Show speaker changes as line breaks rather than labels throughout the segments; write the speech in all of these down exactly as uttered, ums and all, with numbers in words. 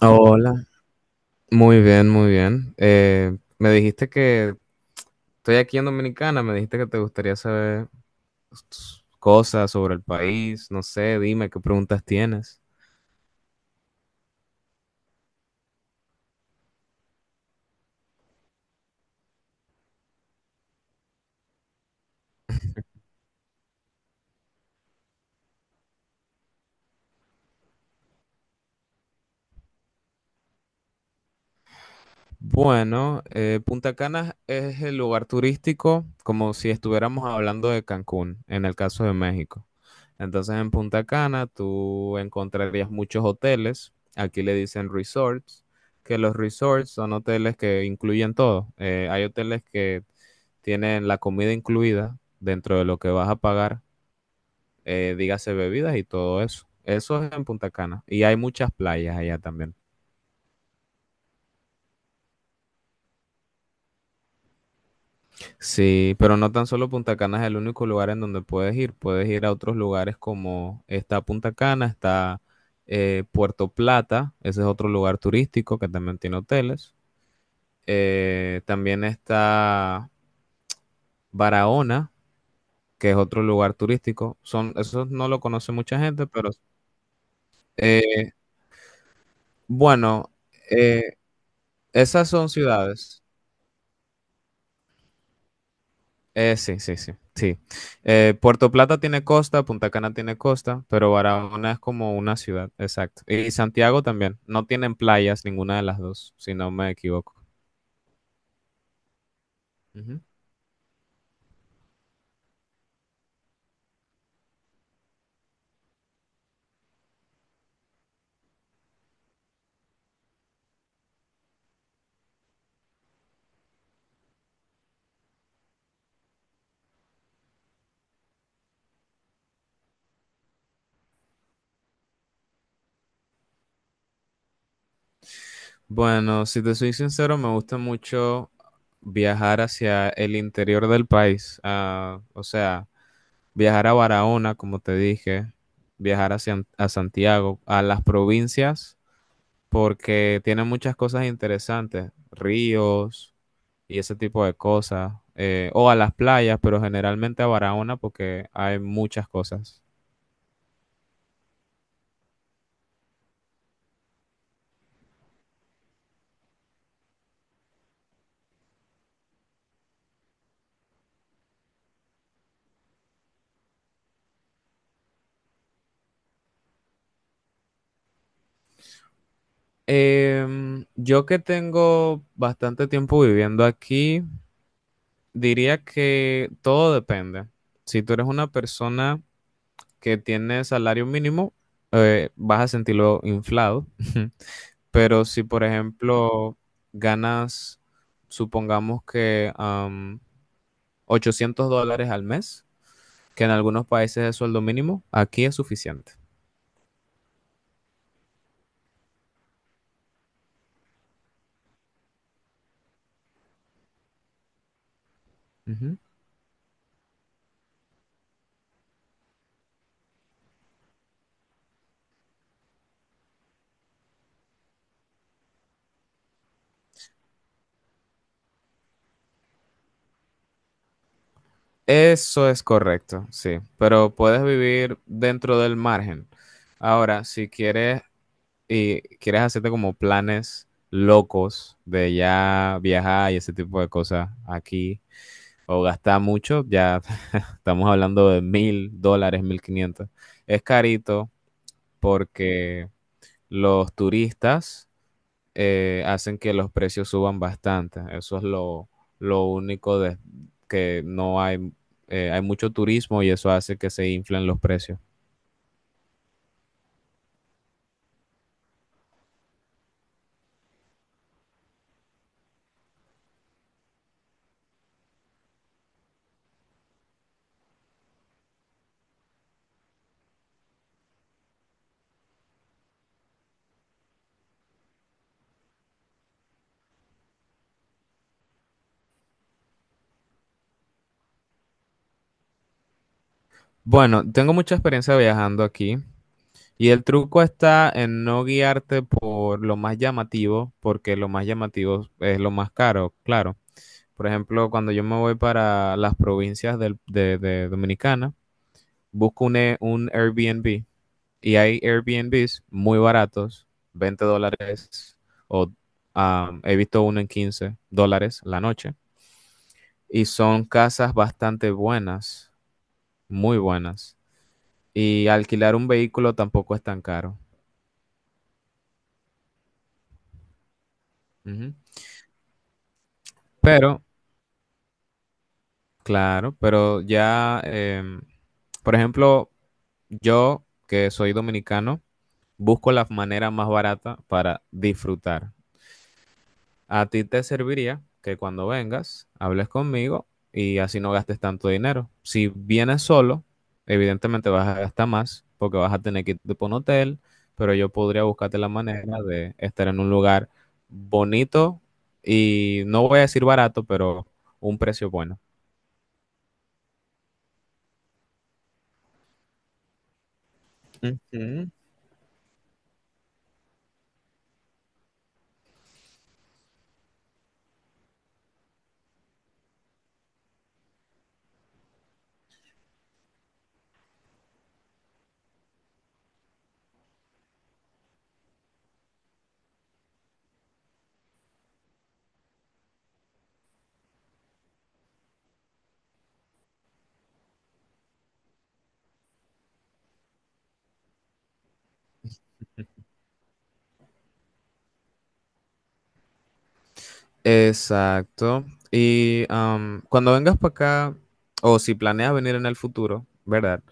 Hola, muy bien, muy bien. Eh, me dijiste que estoy aquí en Dominicana, me dijiste que te gustaría saber s- cosas sobre el país, no sé, dime qué preguntas tienes. Bueno, eh, Punta Cana es el lugar turístico como si estuviéramos hablando de Cancún, en el caso de México. Entonces en Punta Cana tú encontrarías muchos hoteles, aquí le dicen resorts, que los resorts son hoteles que incluyen todo. Eh, hay hoteles que tienen la comida incluida dentro de lo que vas a pagar, eh, dígase bebidas y todo eso. Eso es en Punta Cana y hay muchas playas allá también. Sí, pero no tan solo Punta Cana es el único lugar en donde puedes ir. Puedes ir a otros lugares como está Punta Cana, está eh, Puerto Plata, ese es otro lugar turístico que también tiene hoteles. Eh, también está Barahona, que es otro lugar turístico. Son, esos no lo conoce mucha gente, pero eh, bueno, eh, esas son ciudades. Eh, sí, sí, sí, sí. Eh, Puerto Plata tiene costa, Punta Cana tiene costa, pero Barahona es como una ciudad, exacto. Y Santiago también. No tienen playas ninguna de las dos, si no me equivoco. Ujú. Bueno, si te soy sincero, me gusta mucho viajar hacia el interior del país. Ah, o sea, viajar a Barahona, como te dije, viajar hacia, a Santiago, a las provincias, porque tiene muchas cosas interesantes, ríos y ese tipo de cosas, eh, o a las playas, pero generalmente a Barahona porque hay muchas cosas. Em, yo que tengo bastante tiempo viviendo aquí, diría que todo depende. Si tú eres una persona que tiene salario mínimo, eh, vas a sentirlo inflado. Pero si, por ejemplo, ganas, supongamos que Ochocientos dólares al mes, que en algunos países es sueldo mínimo, aquí es suficiente. Ujú. Eso es correcto, sí, pero puedes vivir dentro del margen. Ahora, si quieres y quieres hacerte como planes locos de ya viajar y ese tipo de cosas aquí o gastar mucho, ya estamos hablando de mil dólares, mil quinientos. Es carito porque los turistas eh, hacen que los precios suban bastante. Eso es lo, lo único de que no hay, eh, hay mucho turismo y eso hace que se inflen los precios. Bueno, tengo mucha experiencia viajando aquí y el truco está en no guiarte por lo más llamativo, porque lo más llamativo es lo más caro, claro. Por ejemplo, cuando yo me voy para las provincias del- de, de Dominicana, busco un, e- un Airbnb. Y hay Airbnbs muy baratos, veinte dólares, o um, he visto uno en quince dólares la noche. Y son casas bastante buenas, muy buenas. Y alquilar un vehículo tampoco es tan caro. Ujú. Pero, claro, pero ya, em, por ejemplo, yo que soy dominicano, busco la manera más barata para disfrutar. A ti te serviría que cuando vengas hables conmigo y así no gastes tanto dinero. Si vienes solo, evidentemente vas a gastar más porque vas a tener que irte por un hotel, pero yo podría buscarte la manera de estar en un lugar bonito y no voy a decir barato, pero un precio bueno. Ujú. Exacto. Y am, cuando vengas para acá, o si planeas venir en el futuro, ¿verdad?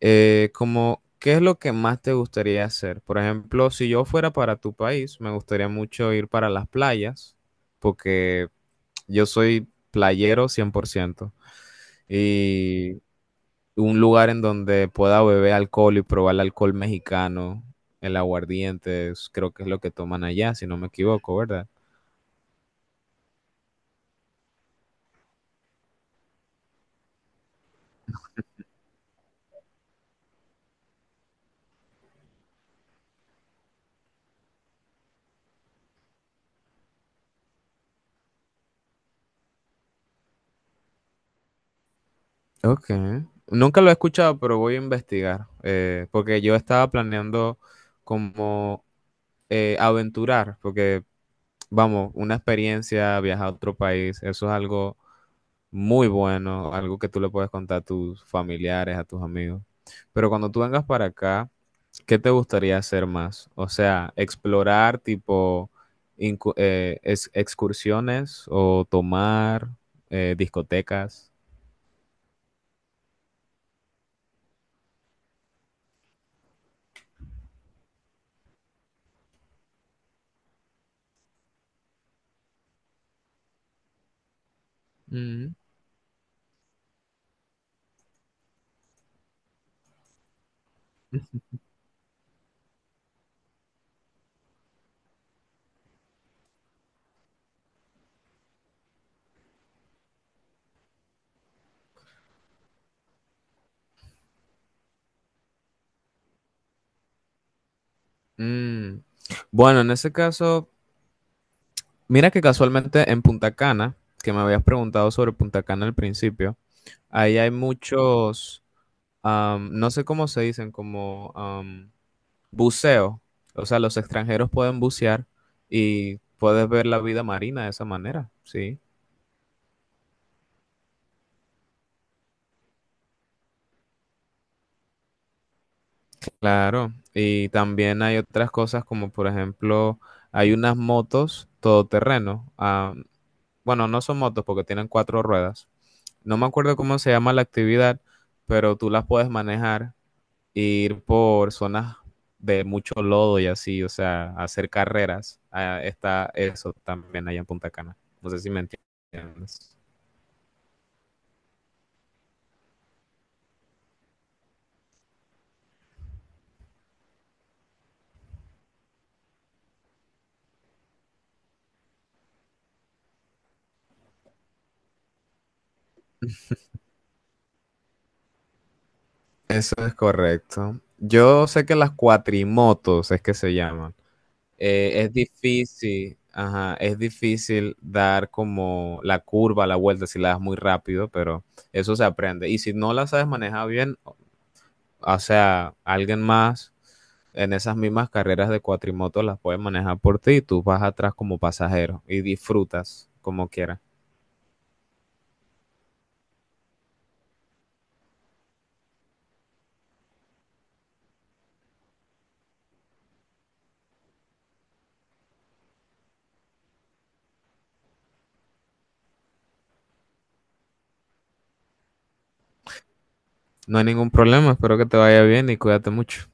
Eh, como, ¿qué es lo que más te gustaría hacer? Por ejemplo, si yo fuera para tu país, me gustaría mucho ir para las playas, porque yo soy playero cien por ciento y un lugar en donde pueda beber alcohol y probar el alcohol mexicano, el aguardiente, es- creo que es lo que toman allá, si no me equivoco, ¿verdad? Ok. Nunca lo he escuchado, pero voy a investigar, eh, porque yo estaba planeando como eh, aventurar, porque vamos, una experiencia, viajar a otro país, eso es algo muy bueno, algo que tú le puedes contar a tus familiares, a tus amigos. Pero cuando tú vengas para acá, ¿qué te gustaría hacer más? O sea, explorar tipo incu- eh, es- excursiones o tomar eh, discotecas. Mm. Mm. Bueno, en ese caso, mira que casualmente en Punta Cana, que me habías preguntado sobre Punta Cana al principio, ahí hay muchos am, no sé cómo se dicen, como am, buceo. O sea, los extranjeros pueden bucear y puedes ver la vida marina de esa manera, sí, claro. Y también hay otras cosas como, por ejemplo, hay unas motos todoterreno. Am, bueno, no son motos porque tienen cuatro ruedas. No me acuerdo cómo se llama la actividad, pero tú las puedes manejar, ir por zonas de mucho lodo y así, o sea, hacer carreras. Ah, está eso también allá en Punta Cana. No sé si me entiendes. Eso es correcto. Yo sé que las cuatrimotos es que se llaman. Eh, es difícil, ajá, es difícil dar como la curva, la vuelta si la das muy rápido, pero eso se aprende. Y si no la sabes manejar bien, o sea, alguien más en esas mismas carreras de cuatrimoto las puede manejar por ti y tú vas atrás como pasajero y disfrutas como quieras. No hay ningún problema, espero que te vaya bien y cuídate mucho.